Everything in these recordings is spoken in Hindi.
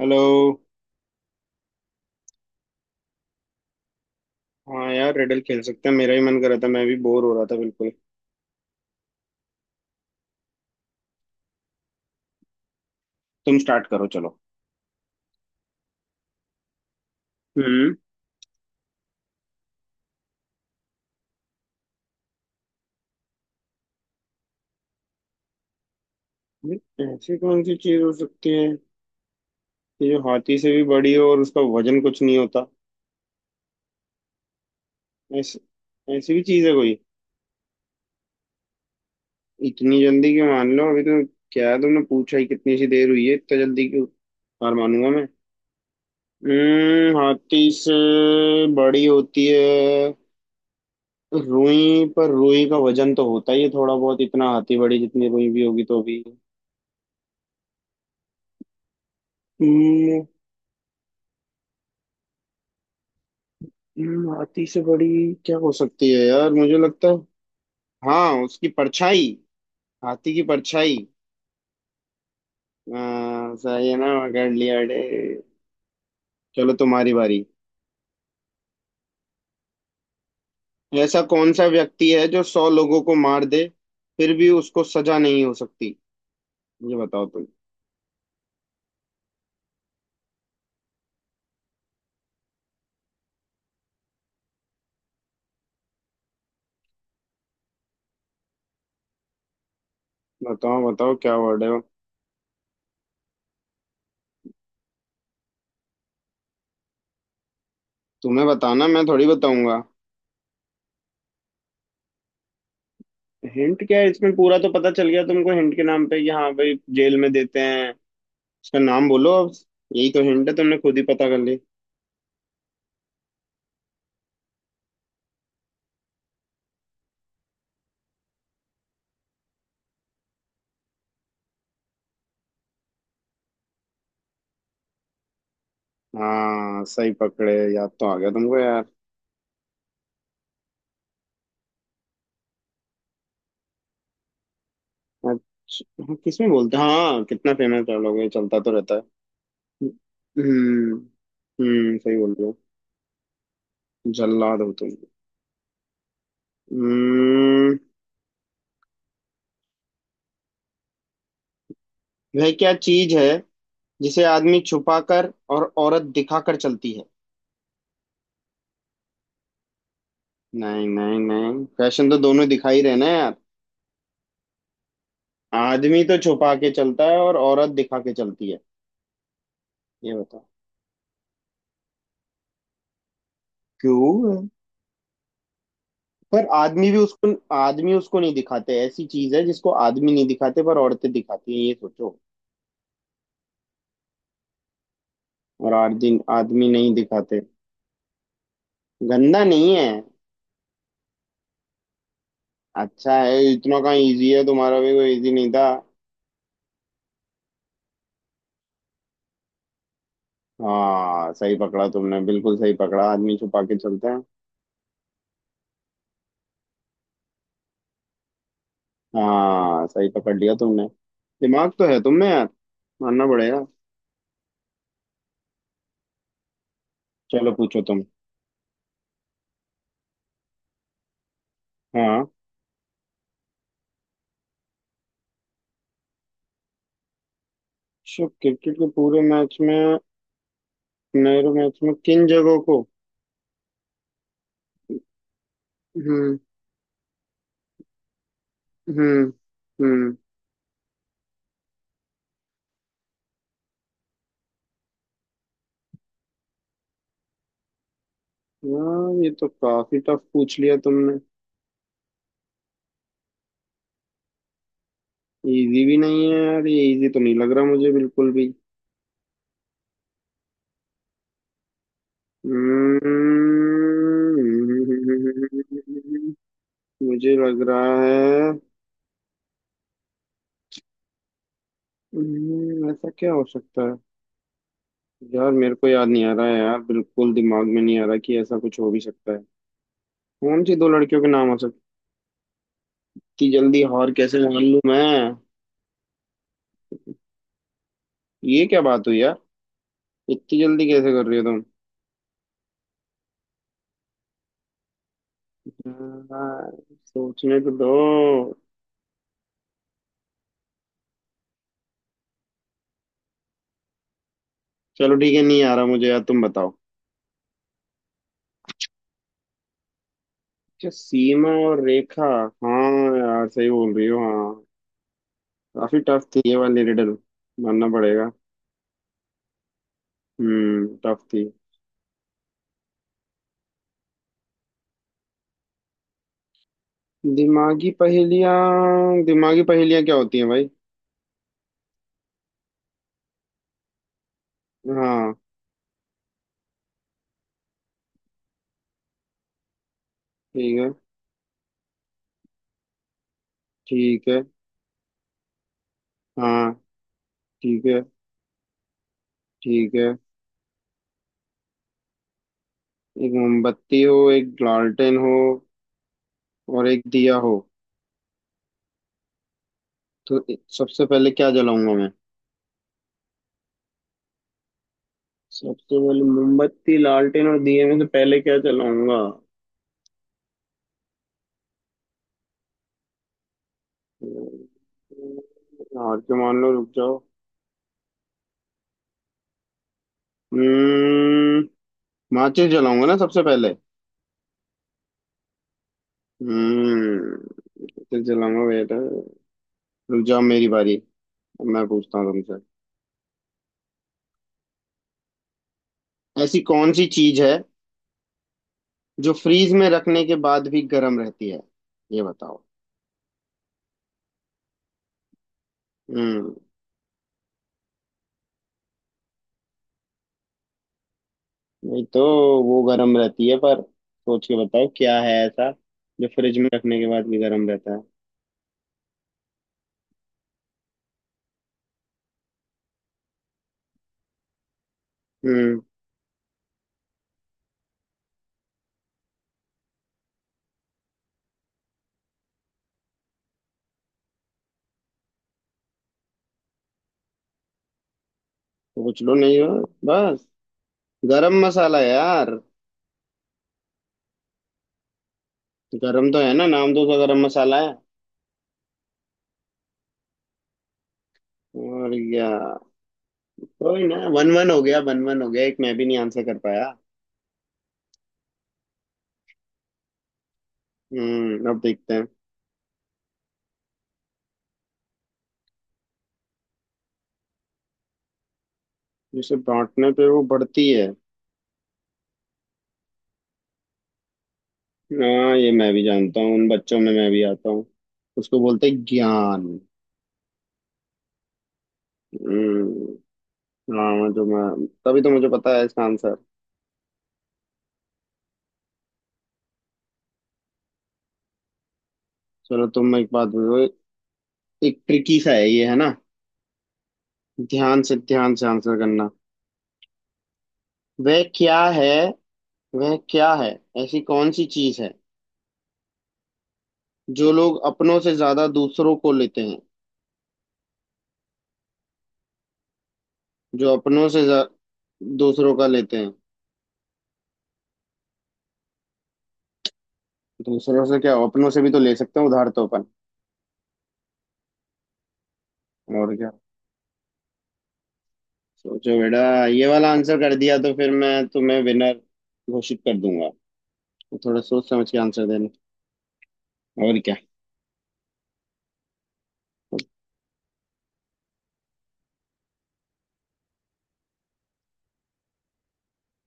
हेलो। हाँ यार रेडल खेल सकते हैं, मेरा ही मन कर रहा था, मैं भी बोर हो रहा था बिल्कुल। तुम स्टार्ट करो चलो। हम्म। ये ऐसी कौन सी चीज हो सकती है कि जो हाथी से भी बड़ी हो और उसका वजन कुछ नहीं होता। ऐसी ऐसी भी चीज है कोई। इतनी जल्दी क्यों मान लो, अभी तो क्या तुमने पूछा ही, कितनी सी देर हुई है, इतना जल्दी क्यों हार मानूंगा मैं। हम्म, हाथी से बड़ी होती है रुई, पर रुई का वजन तो होता ही है थोड़ा बहुत। इतना हाथी बड़ी जितनी रुई भी होगी तो भी। हम्म। हाथी से बड़ी क्या हो सकती है यार, मुझे लगता है हाँ उसकी परछाई। हाथी की परछाई। हाँ, सही है ना, पकड़ लिया अरे। चलो तुम्हारी बारी। ऐसा कौन सा व्यक्ति है जो सौ लोगों को मार दे, फिर भी उसको सजा नहीं हो सकती। ये बताओ तुम। बताओ बताओ क्या वर्ड है वो। तुम्हें बताना, मैं थोड़ी बताऊंगा। हिंट क्या है इसमें, पूरा तो पता चल गया तुमको हिंट के नाम पे, कि हाँ भाई जेल में देते हैं। उसका नाम बोलो अब। यही तो हिंट है, तुमने खुद ही पता कर ली। हाँ सही पकड़े, याद तो आ गया तुमको यार। अच्छा, हाँ, किसमें बोलते हैं, हाँ कितना फेमस डायलॉग है, चलता तो रहता है। हम्म। हम्म, सही बोल रहे हो। जल्लाद हो तुम। हम्म। वह क्या चीज है जिसे आदमी छुपा कर और औरत दिखा कर चलती है। नहीं नहीं नहीं, फैशन तो दोनों दिखा ही रहे ना यार। आदमी तो छुपा के चलता है और औरत दिखा के चलती है। ये बताओ। क्यों, पर आदमी भी उसको, आदमी उसको नहीं दिखाते, ऐसी चीज है जिसको आदमी नहीं दिखाते पर औरतें दिखाती हैं, ये सोचो। और आदमी आदमी नहीं दिखाते। गंदा नहीं है। अच्छा है, इतना कहाँ इजी है, तुम्हारा भी कोई इजी नहीं था। हाँ सही पकड़ा तुमने, बिल्कुल सही पकड़ा, आदमी छुपा के चलते हैं। हाँ सही पकड़ लिया तुमने। दिमाग तो है तुम में यार, मानना पड़ेगा। चलो पूछो तुम। हाँ। शो क्रिकेट के पूरे मैच में, नेहरू मैच में किन जगहों को। हम्म। हम्म। हम्म। हाँ ये तो काफी टफ पूछ लिया तुमने। इजी भी नहीं है यार ये, इजी तो नहीं लग रहा मुझे बिल्कुल भी। हम्म, मुझे लग रहा है। ऐसा क्या हो सकता है यार, मेरे को याद नहीं आ रहा है यार, बिल्कुल दिमाग में नहीं आ रहा कि ऐसा कुछ हो भी सकता है। कौन सी दो लड़कियों के नाम हो सकते। इतनी जल्दी हार कैसे मान लूं मैं। ये क्या बात हुई यार। इतनी जल्दी कैसे कर रही हो तुम। हाँ, सोचने तो दो। चलो ठीक है, नहीं आ रहा मुझे यार, तुम बताओ। अच्छा, सीमा और रेखा। हाँ, यार सही बोल रही हो हाँ। काफी टफ थी ये वाली रिडल, मानना पड़ेगा। टफ थी। दिमागी पहेलियाँ, दिमागी पहेलियाँ क्या होती हैं भाई। हाँ ठीक है ठीक है। हाँ ठीक है ठीक है। एक मोमबत्ती हो, एक लालटेन हो, और एक दिया हो। तो सबसे पहले क्या जलाऊंगा मैं। सबसे पहले मोमबत्ती, लालटेन और दिए में से पहले क्या जलाऊंगा। हार के मान लो, रुक जाओ। हम्म। माचिस जलाऊंगा ना सबसे पहले। हम्म। माचिस जलाऊंगा बेटा। रुक जाओ मेरी बारी। अब मैं पूछता हूँ तुमसे। ऐसी कौन सी चीज है जो फ्रीज में रखने के बाद भी गर्म रहती है, ये बताओ। हम्म। नहीं तो, वो गर्म रहती है, पर सोच के बताओ क्या है ऐसा जो फ्रिज में रखने के बाद भी गर्म रहता है। हम्म, सोच लो नहीं हो, बस। गरम मसाला यार। गरम तो है ना, नाम तो उसका गरम मसाला है। और या कोई ना, वन वन हो गया, वन वन हो गया, एक मैं भी नहीं आंसर कर पाया। अब देखते हैं। जिसे बांटने पे वो बढ़ती है। हाँ ये मैं भी जानता हूँ, उन बच्चों में मैं भी आता हूँ। उसको बोलते हैं ज्ञान। हम्म। हाँ, जो मैं तभी तो मुझे पता है इसका आंसर। चलो तुम एक बात बोलो, एक ट्रिकी सा है ये, है ना। ध्यान से आंसर करना। वह क्या है वह क्या है, ऐसी कौन सी चीज है जो लोग अपनों से ज्यादा दूसरों को लेते हैं। जो अपनों से दूसरों का लेते हैं। दूसरों से क्या, अपनों से भी तो ले सकते हैं उधार तो अपन। और क्या। सोचो बेटा। ये वाला आंसर कर दिया तो फिर मैं तुम्हें विनर घोषित कर दूंगा, तो थोड़ा सोच समझ के आंसर देना। और क्या।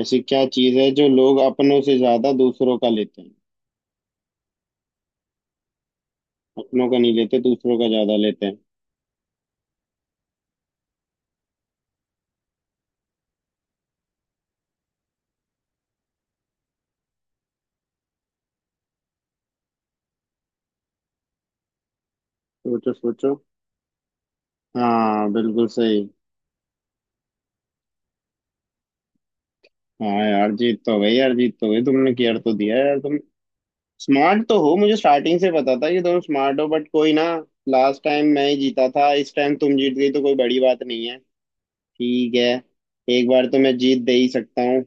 ऐसी क्या चीज है जो लोग अपनों से ज्यादा दूसरों का लेते हैं। अपनों का नहीं लेते, दूसरों का ज्यादा लेते हैं। सोचो सोचो। हाँ बिल्कुल सही। हाँ यार जीत तो गई यार, जीत तो गई, तुमने किया तो दिया यार तुमने। स्मार्ट तो हो, मुझे स्टार्टिंग से पता था कि दोनों स्मार्ट हो, बट कोई ना। लास्ट टाइम मैं ही जीता था, इस टाइम तुम जीत गई तो कोई बड़ी बात नहीं है। ठीक है। एक बार तो मैं जीत दे ही सकता हूँ।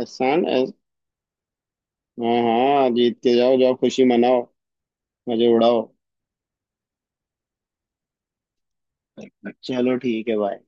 एहसान एह- हाँ हाँ जीत के जाओ, जाओ खुशी मनाओ, मजे उड़ाओ। चलो ठीक है भाई।